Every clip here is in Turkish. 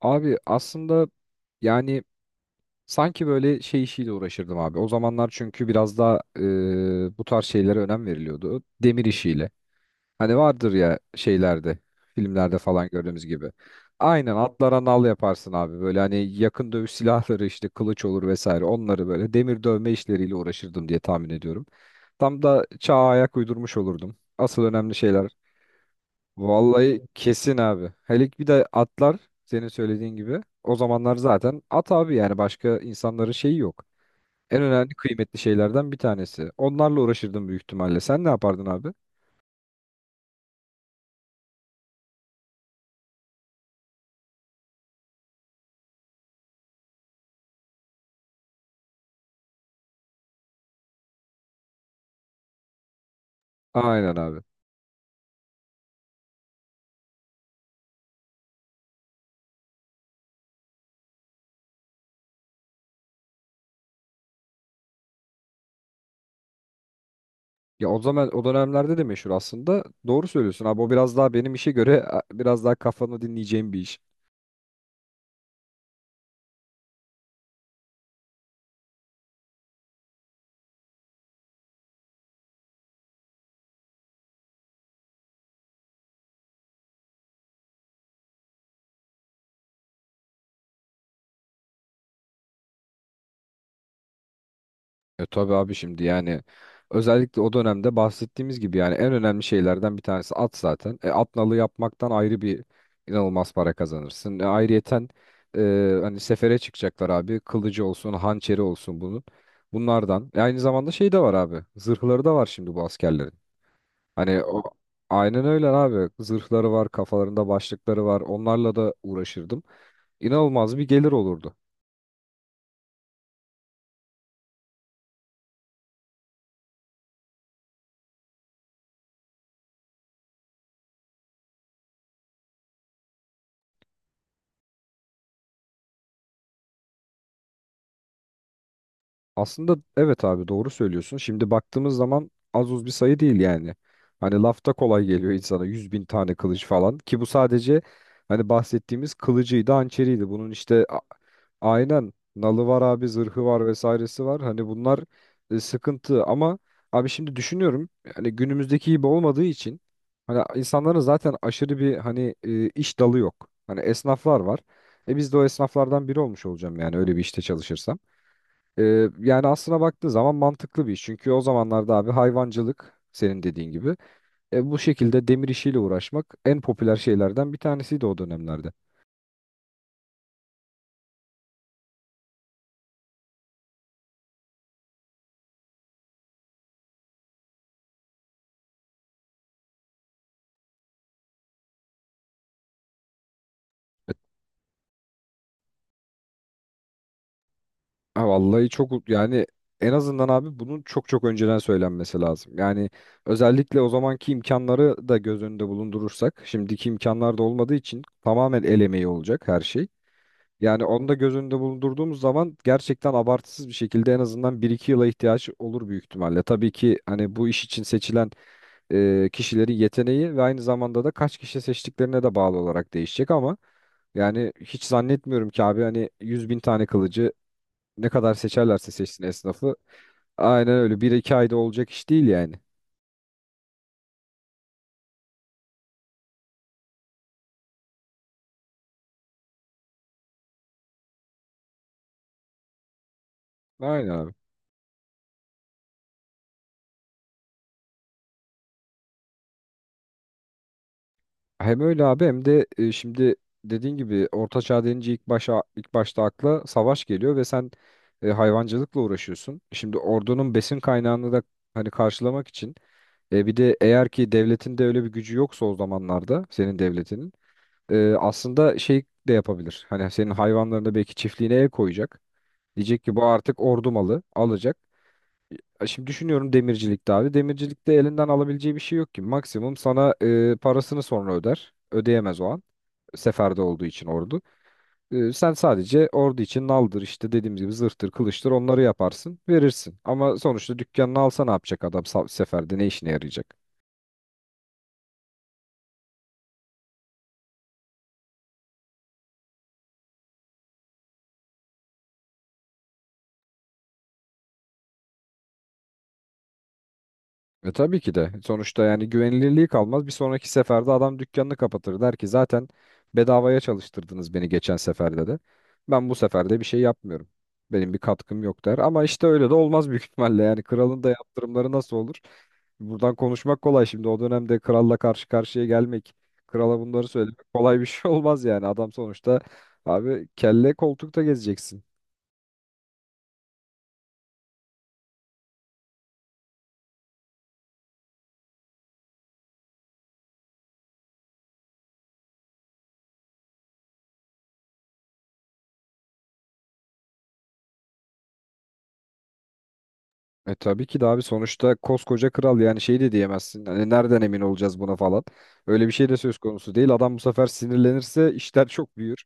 Abi aslında yani sanki böyle şey işiyle uğraşırdım abi. O zamanlar çünkü biraz daha bu tarz şeylere önem veriliyordu. Demir işiyle. Hani vardır ya şeylerde, filmlerde falan gördüğümüz gibi. Aynen atlara nal yaparsın abi. Böyle hani yakın dövüş silahları işte kılıç olur vesaire. Onları böyle demir dövme işleriyle uğraşırdım diye tahmin ediyorum. Tam da çağa ayak uydurmuş olurdum. Asıl önemli şeyler. Vallahi kesin abi. Hele bir de atlar senin söylediğin gibi. O zamanlar zaten at abi yani başka insanların şeyi yok. En önemli kıymetli şeylerden bir tanesi. Onlarla uğraşırdım büyük ihtimalle. Sen ne yapardın abi? Aynen abi. Ya o zaman o dönemlerde de meşhur aslında. Doğru söylüyorsun abi. O biraz daha benim işe göre biraz daha kafanı dinleyeceğim bir iş. E tabii abi şimdi yani özellikle o dönemde bahsettiğimiz gibi yani en önemli şeylerden bir tanesi at zaten. At nalı yapmaktan ayrı bir inanılmaz para kazanırsın. Ayrıyeten hani sefere çıkacaklar abi. Kılıcı olsun, hançeri olsun bunun. Bunlardan. Aynı zamanda şey de var abi. Zırhları da var şimdi bu askerlerin. Hani o, aynen öyle abi. Zırhları var, kafalarında başlıkları var. Onlarla da uğraşırdım. İnanılmaz bir gelir olurdu. Aslında evet abi, doğru söylüyorsun. Şimdi baktığımız zaman az uz bir sayı değil yani. Hani lafta kolay geliyor insana, 100.000 tane kılıç falan, ki bu sadece hani bahsettiğimiz kılıcıydı, hançeriydi. Bunun işte aynen nalı var abi, zırhı var, vesairesi var. Hani bunlar sıkıntı. Ama abi şimdi düşünüyorum, hani günümüzdeki gibi olmadığı için hani insanların zaten aşırı bir hani iş dalı yok. Hani esnaflar var. E biz de o esnaflardan biri olmuş olacağım yani, öyle bir işte çalışırsam. Yani aslına baktığın zaman mantıklı bir iş. Çünkü o zamanlarda abi hayvancılık senin dediğin gibi. Bu şekilde demir işiyle uğraşmak en popüler şeylerden bir tanesiydi o dönemlerde. E, ha, Vallahi çok yani en azından abi bunun çok çok önceden söylenmesi lazım. Yani özellikle o zamanki imkanları da göz önünde bulundurursak, şimdiki imkanlar da olmadığı için tamamen el emeği olacak her şey. Yani onu da göz önünde bulundurduğumuz zaman gerçekten abartısız bir şekilde en azından bir iki yıla ihtiyaç olur büyük ihtimalle. Tabii ki hani bu iş için seçilen kişilerin yeteneği ve aynı zamanda da kaç kişi seçtiklerine de bağlı olarak değişecek. Ama yani hiç zannetmiyorum ki abi, hani 100.000 tane kılıcı ne kadar seçerlerse seçsin esnafı, aynen öyle bir iki ayda olacak iş değil yani. Aynen abi. Hem öyle abi, hem de şimdi dediğin gibi Orta Çağ denince ilk başta akla savaş geliyor ve sen hayvancılıkla uğraşıyorsun. Şimdi ordunun besin kaynağını da hani karşılamak için, bir de eğer ki devletin de öyle bir gücü yoksa o zamanlarda, senin devletinin aslında şey de yapabilir. Hani senin hayvanlarına belki, çiftliğine el koyacak. Diyecek ki bu artık ordu malı alacak. Şimdi düşünüyorum demircilikte abi. Demircilikte elinden alabileceği bir şey yok ki. Maksimum sana parasını sonra öder. Ödeyemez o an. Seferde olduğu için ordu. Sen sadece ordu için naldır işte dediğimiz gibi, zırhtır, kılıçtır, onları yaparsın, verirsin. Ama sonuçta dükkanını alsa ne yapacak adam seferde ne işine yarayacak? E tabii ki de. Sonuçta yani güvenilirliği kalmaz. Bir sonraki seferde adam dükkanını kapatır. Der ki zaten bedavaya çalıştırdınız beni geçen seferde de. Ben bu sefer de bir şey yapmıyorum. Benim bir katkım yok, der. Ama işte öyle de olmaz büyük ihtimalle. Yani kralın da yaptırımları nasıl olur? Buradan konuşmak kolay şimdi. O dönemde kralla karşı karşıya gelmek, krala bunları söylemek kolay bir şey olmaz yani. Adam sonuçta abi, kelle koltukta gezeceksin. E tabii ki de abi, sonuçta koskoca kral, yani şey de diyemezsin. Hani nereden emin olacağız buna falan. Öyle bir şey de söz konusu değil. Adam bu sefer sinirlenirse işler çok büyür.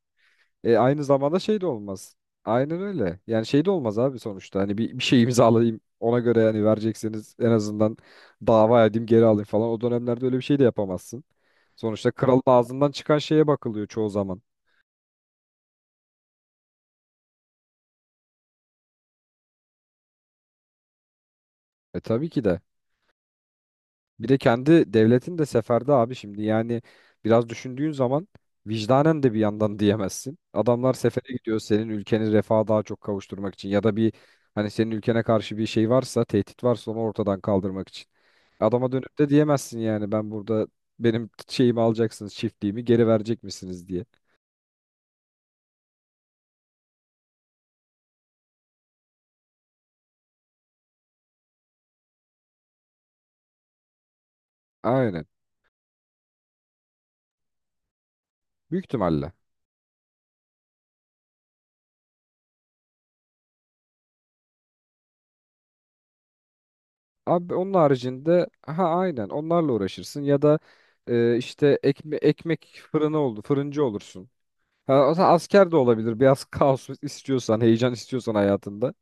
E aynı zamanda şey de olmaz. Aynen öyle. Yani şey de olmaz abi sonuçta. Hani bir şey imzalayayım ona göre, yani verecekseniz en azından dava edeyim geri alayım falan. O dönemlerde öyle bir şey de yapamazsın. Sonuçta kralın ağzından çıkan şeye bakılıyor çoğu zaman. E tabii ki de. Bir de kendi devletin de seferde abi, şimdi yani biraz düşündüğün zaman vicdanen de bir yandan diyemezsin. Adamlar sefere gidiyor senin ülkeni refaha daha çok kavuşturmak için, ya da bir, hani senin ülkene karşı bir şey varsa, tehdit varsa, onu ortadan kaldırmak için. Adama dönüp de diyemezsin yani, ben burada benim şeyimi alacaksınız, çiftliğimi geri verecek misiniz diye. Aynen, büyük ihtimalle. Abi onun haricinde ha, aynen onlarla uğraşırsın, ya da işte ekmek fırını oldu fırıncı olursun. Ha, o zaman asker de olabilir. Biraz kaos istiyorsan, heyecan istiyorsan hayatında.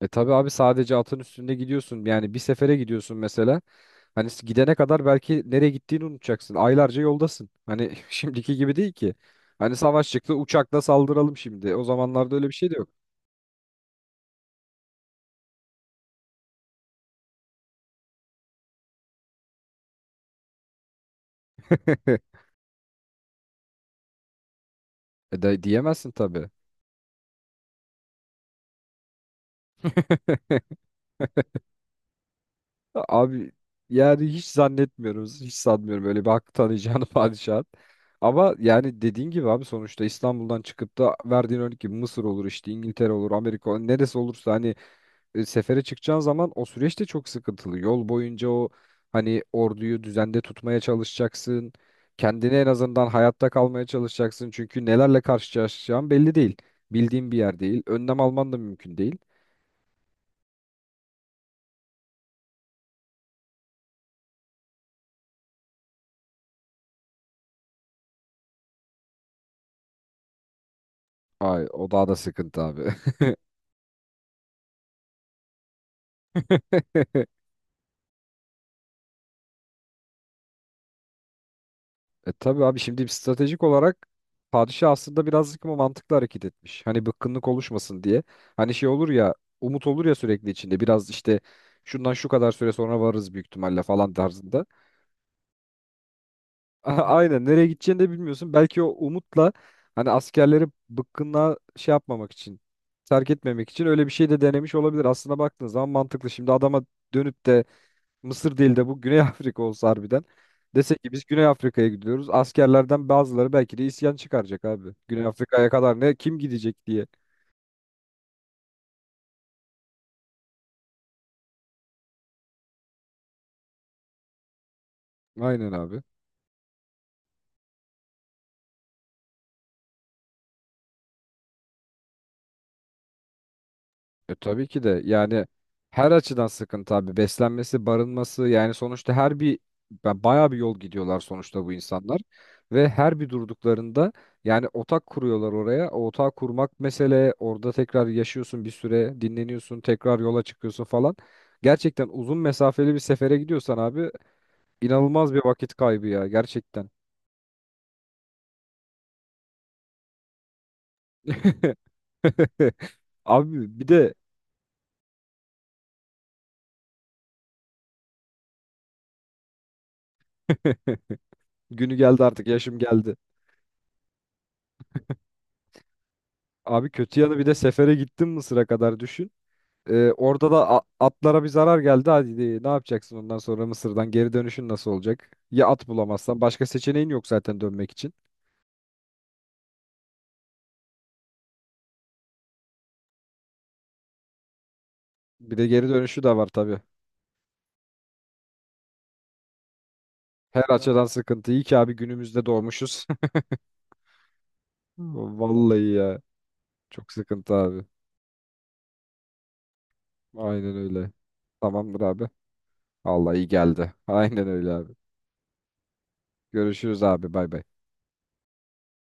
E tabii abi, sadece atın üstünde gidiyorsun. Yani bir sefere gidiyorsun mesela. Hani gidene kadar belki nereye gittiğini unutacaksın. Aylarca yoldasın. Hani şimdiki gibi değil ki. Hani savaş çıktı uçakla saldıralım şimdi. O zamanlarda öyle bir şey de yok. E de diyemezsin tabi. Abi yani hiç zannetmiyorum. Hiç sanmıyorum öyle bir hakkı tanıyacağını padişahın. Ama yani dediğin gibi abi, sonuçta İstanbul'dan çıkıp da verdiğin örnek gibi Mısır olur, işte İngiltere olur, Amerika olur, neresi olursa, hani sefere çıkacağın zaman o süreç de çok sıkıntılı. Yol boyunca o hani orduyu düzende tutmaya çalışacaksın. Kendini en azından hayatta kalmaya çalışacaksın. Çünkü nelerle karşılaşacağın belli değil. Bildiğin bir yer değil. Önlem alman da mümkün değil. Ay, o daha da sıkıntı abi. E tabii abi, şimdi stratejik olarak padişah aslında birazcık ama mantıklı hareket etmiş. Hani bıkkınlık oluşmasın diye. Hani şey olur ya, umut olur ya, sürekli içinde biraz işte şundan şu kadar süre sonra varırız büyük ihtimalle falan tarzında. Aynen, nereye gideceğini de bilmiyorsun. Belki o umutla, hani askerleri bıkkınlığa şey yapmamak için, terk etmemek için öyle bir şey de denemiş olabilir. Aslına baktığın zaman mantıklı. Şimdi adama dönüp de Mısır değil de bu Güney Afrika olsa harbiden. Desek ki biz Güney Afrika'ya gidiyoruz. Askerlerden bazıları belki de isyan çıkaracak abi. Güney Afrika'ya kadar ne, kim gidecek diye. Aynen abi. E tabii ki de yani, her açıdan sıkıntı abi. Beslenmesi, barınması, yani sonuçta her bir bayağı bir yol gidiyorlar sonuçta bu insanlar. Ve her bir durduklarında yani otak kuruyorlar oraya. O otağı kurmak mesele. Orada tekrar yaşıyorsun bir süre, dinleniyorsun, tekrar yola çıkıyorsun falan. Gerçekten uzun mesafeli bir sefere gidiyorsan abi, İnanılmaz bir vakit kaybı ya gerçekten. Abi bir de günü geldi, artık yaşım geldi. Abi kötü yanı, bir de sefere gittim Mısır'a kadar düşün. Orada da atlara bir zarar geldi. Hadi ne yapacaksın ondan sonra? Mısır'dan geri dönüşün nasıl olacak? Ya at bulamazsan başka seçeneğin yok zaten dönmek için. Bir de geri dönüşü de var tabii. Her, evet, açıdan sıkıntı. İyi ki abi günümüzde doğmuşuz. Vallahi ya. Çok sıkıntı abi. Aynen öyle. Tamamdır abi. Allah iyi geldi. Aynen öyle abi. Görüşürüz abi, bay bay.